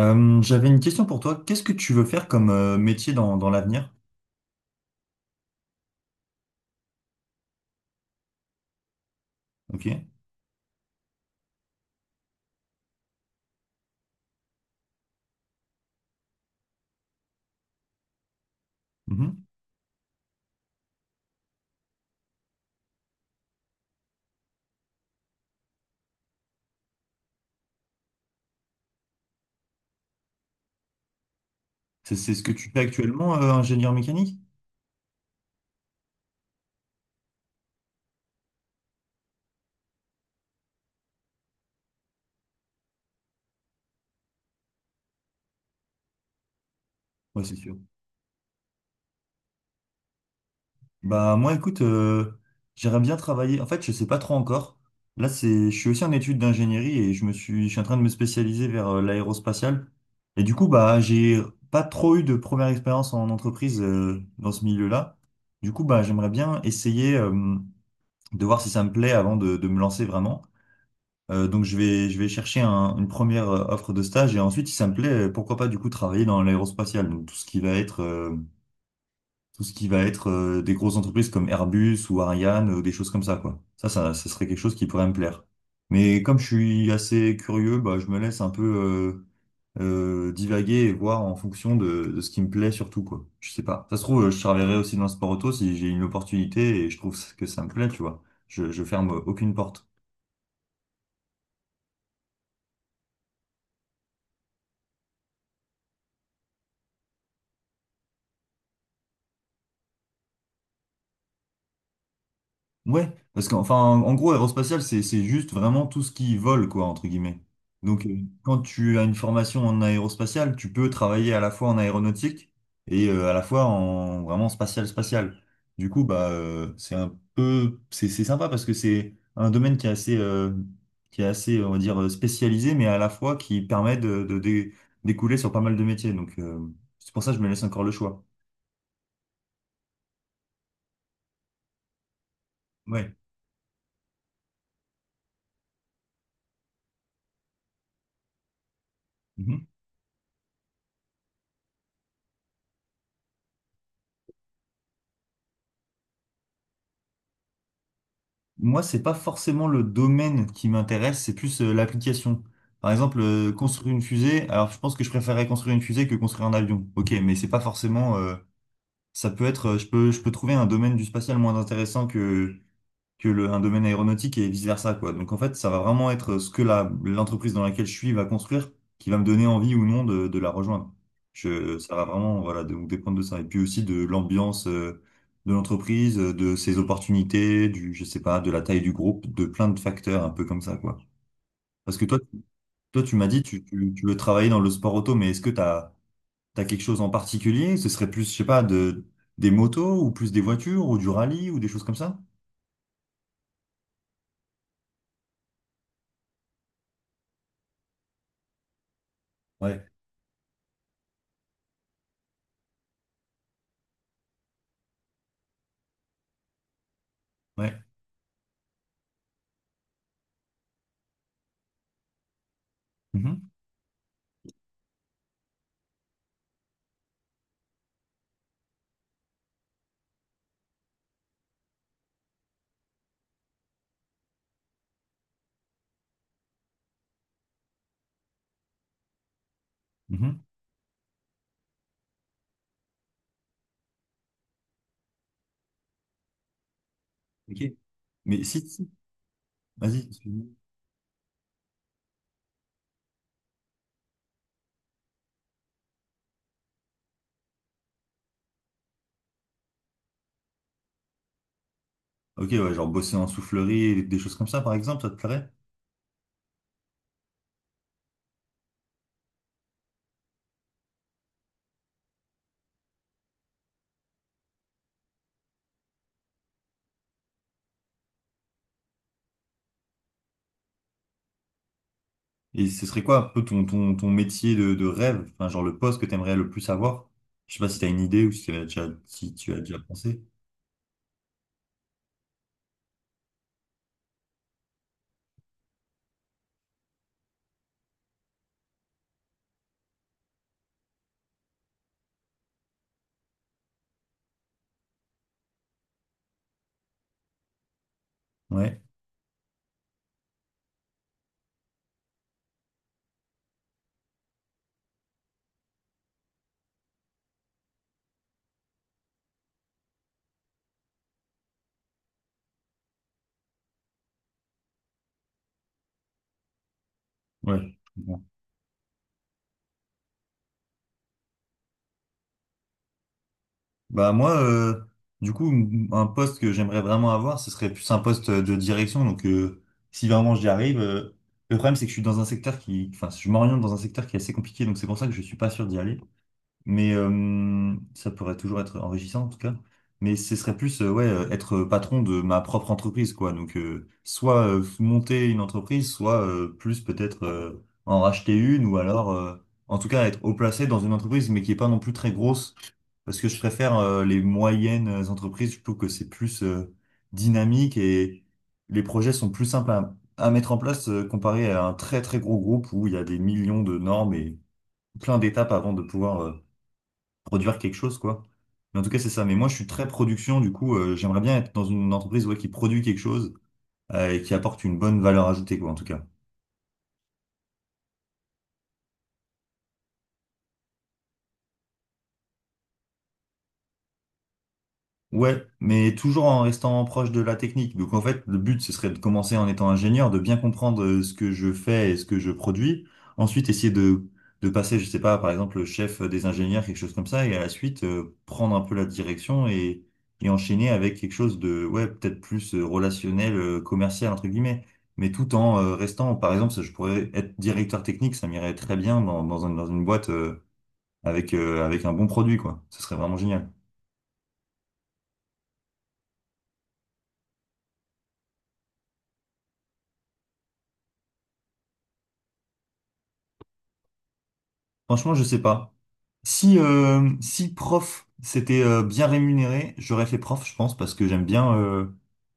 J'avais une question pour toi. Qu'est-ce que tu veux faire comme métier dans l'avenir? Ok. Mhm. C'est ce que tu fais actuellement, ingénieur mécanique? Ouais, c'est sûr. Bah moi, écoute, j'aimerais bien travailler. En fait, je sais pas trop encore. Là, je suis aussi en études d'ingénierie et je suis en train de me spécialiser vers l'aérospatiale. Et du coup, bah j'ai pas trop eu de première expérience en entreprise dans ce milieu-là. Du coup, bah j'aimerais bien essayer de voir si ça me plaît avant de me lancer vraiment. Donc je vais chercher une première offre de stage et ensuite, si ça me plaît, pourquoi pas du coup travailler dans l'aérospatiale. Donc tout ce qui va être, tout ce qui va être des grosses entreprises comme Airbus ou Ariane ou des choses comme ça, quoi. Ça serait quelque chose qui pourrait me plaire. Mais comme je suis assez curieux, bah, je me laisse un peu divaguer et voir en fonction de ce qui me plaît surtout, quoi. Je sais pas. Ça se trouve, je travaillerai aussi dans le sport auto si j'ai une opportunité et je trouve que ça me plaît, tu vois. Je ferme aucune porte. Ouais, parce qu'enfin, en en gros, aérospatial, c'est juste vraiment tout ce qui vole, quoi, entre guillemets. Donc, quand tu as une formation en aérospatial, tu peux travailler à la fois en aéronautique et à la fois en vraiment spatial, spatial. Du coup, c'est un peu, c'est sympa parce que c'est un domaine qui est assez, on va dire, spécialisé, mais à la fois qui permet de découler sur pas mal de métiers. Donc, c'est pour ça que je me laisse encore le choix. Ouais. Moi, c'est pas forcément le domaine qui m'intéresse, c'est plus l'application. Par exemple, construire une fusée. Alors, je pense que je préférerais construire une fusée que construire un avion. Ok, mais c'est pas forcément. Ça peut être. Je je peux trouver un domaine du spatial moins intéressant que le, un domaine aéronautique et vice-versa, quoi. Donc en fait, ça va vraiment être ce que l'entreprise dans laquelle je suis va construire qui va me donner envie ou non de la rejoindre. Ça va vraiment voilà, donc dépendre de ça. Et puis aussi de l'ambiance de l'entreprise, de ses opportunités, du, je sais pas, de la taille du groupe, de plein de facteurs un peu comme ça, quoi. Parce que toi, toi tu m'as dit, tu veux travailler dans le sport auto, mais est-ce que tu as quelque chose en particulier? Ce serait plus, je sais pas, des motos ou plus des voitures ou du rallye ou des choses comme ça? Ouais. Ouais. Mhm. Mhm. Ok. Mais si, si. Vas-y, excuse-moi. Ok, ouais, genre bosser en soufflerie, des choses comme ça, par exemple, ça te plairait? Et ce serait quoi un peu ton métier de rêve? Enfin, genre le poste que t'aimerais le plus avoir? Je sais pas si t'as une idée ou si, si tu as déjà pensé. Ouais, ouais, je comprends. Bah moi, du coup, un poste que j'aimerais vraiment avoir, ce serait plus un poste de direction. Donc, si vraiment j'y arrive, le problème c'est que je suis dans un secteur qui, enfin, je m'oriente dans un secteur qui est assez compliqué, donc c'est pour ça que je suis pas sûr d'y aller. Mais ça pourrait toujours être enrichissant en tout cas. Mais ce serait plus être patron de ma propre entreprise, quoi. Donc soit monter une entreprise, soit plus peut-être en racheter une, ou alors en tout cas être haut placé dans une entreprise, mais qui est pas non plus très grosse. Parce que je préfère les moyennes entreprises, je trouve que c'est plus dynamique et les projets sont plus simples à mettre en place comparé à un très très gros groupe où il y a des millions de normes et plein d'étapes avant de pouvoir. Produire quelque chose, quoi. Mais en tout cas, c'est ça. Mais moi, je suis très production, du coup, j'aimerais bien être dans une entreprise ouais, qui produit quelque chose et qui apporte une bonne valeur ajoutée, quoi, en tout cas. Ouais, mais toujours en restant proche de la technique. Donc en fait, le but, ce serait de commencer en étant ingénieur, de bien comprendre ce que je fais et ce que je produis. Ensuite, essayer de passer, je sais pas, par exemple, chef des ingénieurs, quelque chose comme ça, et à la suite, prendre un peu la direction et enchaîner avec quelque chose de, ouais, peut-être plus relationnel, commercial, entre guillemets. Mais tout en restant, par exemple, ça, je pourrais être directeur technique, ça m'irait très bien dans dans une boîte avec, avec un bon produit, quoi. Ce serait vraiment génial. Franchement, je sais pas. Si, si prof, c'était bien rémunéré, j'aurais fait prof, je pense, parce que j'aime bien,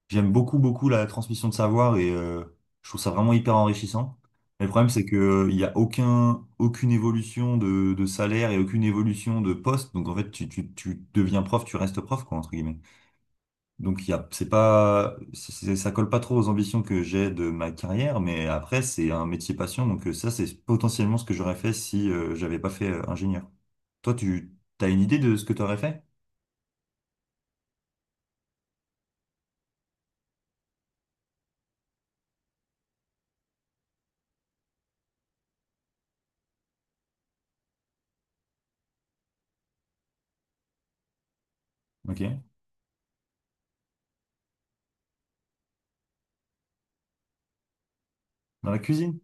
j'aime beaucoup, beaucoup la transmission de savoir et je trouve ça vraiment hyper enrichissant. Mais le problème, c'est que il y a aucun, aucune évolution de salaire et aucune évolution de poste. Donc en fait, tu deviens prof, tu restes prof, quoi, entre guillemets. Donc, il y a, c'est pas, ça colle pas trop aux ambitions que j'ai de ma carrière, mais après, c'est un métier passion. Donc, ça, c'est potentiellement ce que j'aurais fait si j'avais pas fait ingénieur. Toi, tu as une idée de ce que tu aurais fait? Ok. Dans la cuisine?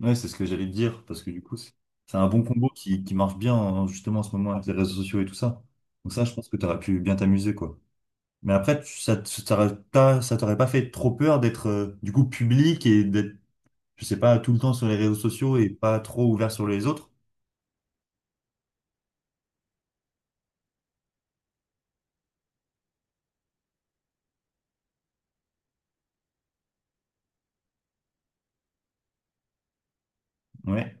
Ouais, c'est ce que j'allais te dire, parce que du coup, c'est un bon combo qui marche bien, hein, justement, en ce moment, avec les réseaux sociaux et tout ça. Donc, ça, je pense que tu aurais pu bien t'amuser, quoi. Mais après, ça, ça t'aurait pas fait trop peur d'être, du coup, public et d'être je sais pas, tout le temps sur les réseaux sociaux et pas trop ouvert sur les autres. Ouais,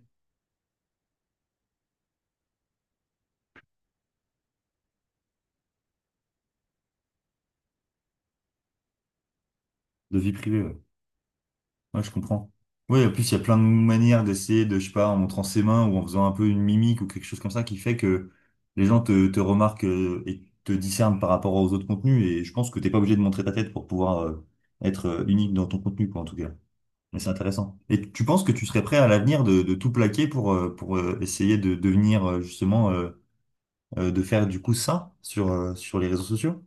de vie privée, ouais. Ouais, je comprends. Oui, en plus, il y a plein de manières d'essayer de, je sais pas, en montrant ses mains ou en faisant un peu une mimique ou quelque chose comme ça qui fait que les gens te remarquent et te discernent par rapport aux autres contenus. Et je pense que t'es pas obligé de montrer ta tête pour pouvoir être unique dans ton contenu, quoi, en tout cas. Mais c'est intéressant. Et tu penses que tu serais prêt à l'avenir de tout plaquer pour, essayer de devenir justement, de faire du coup ça sur sur les réseaux sociaux?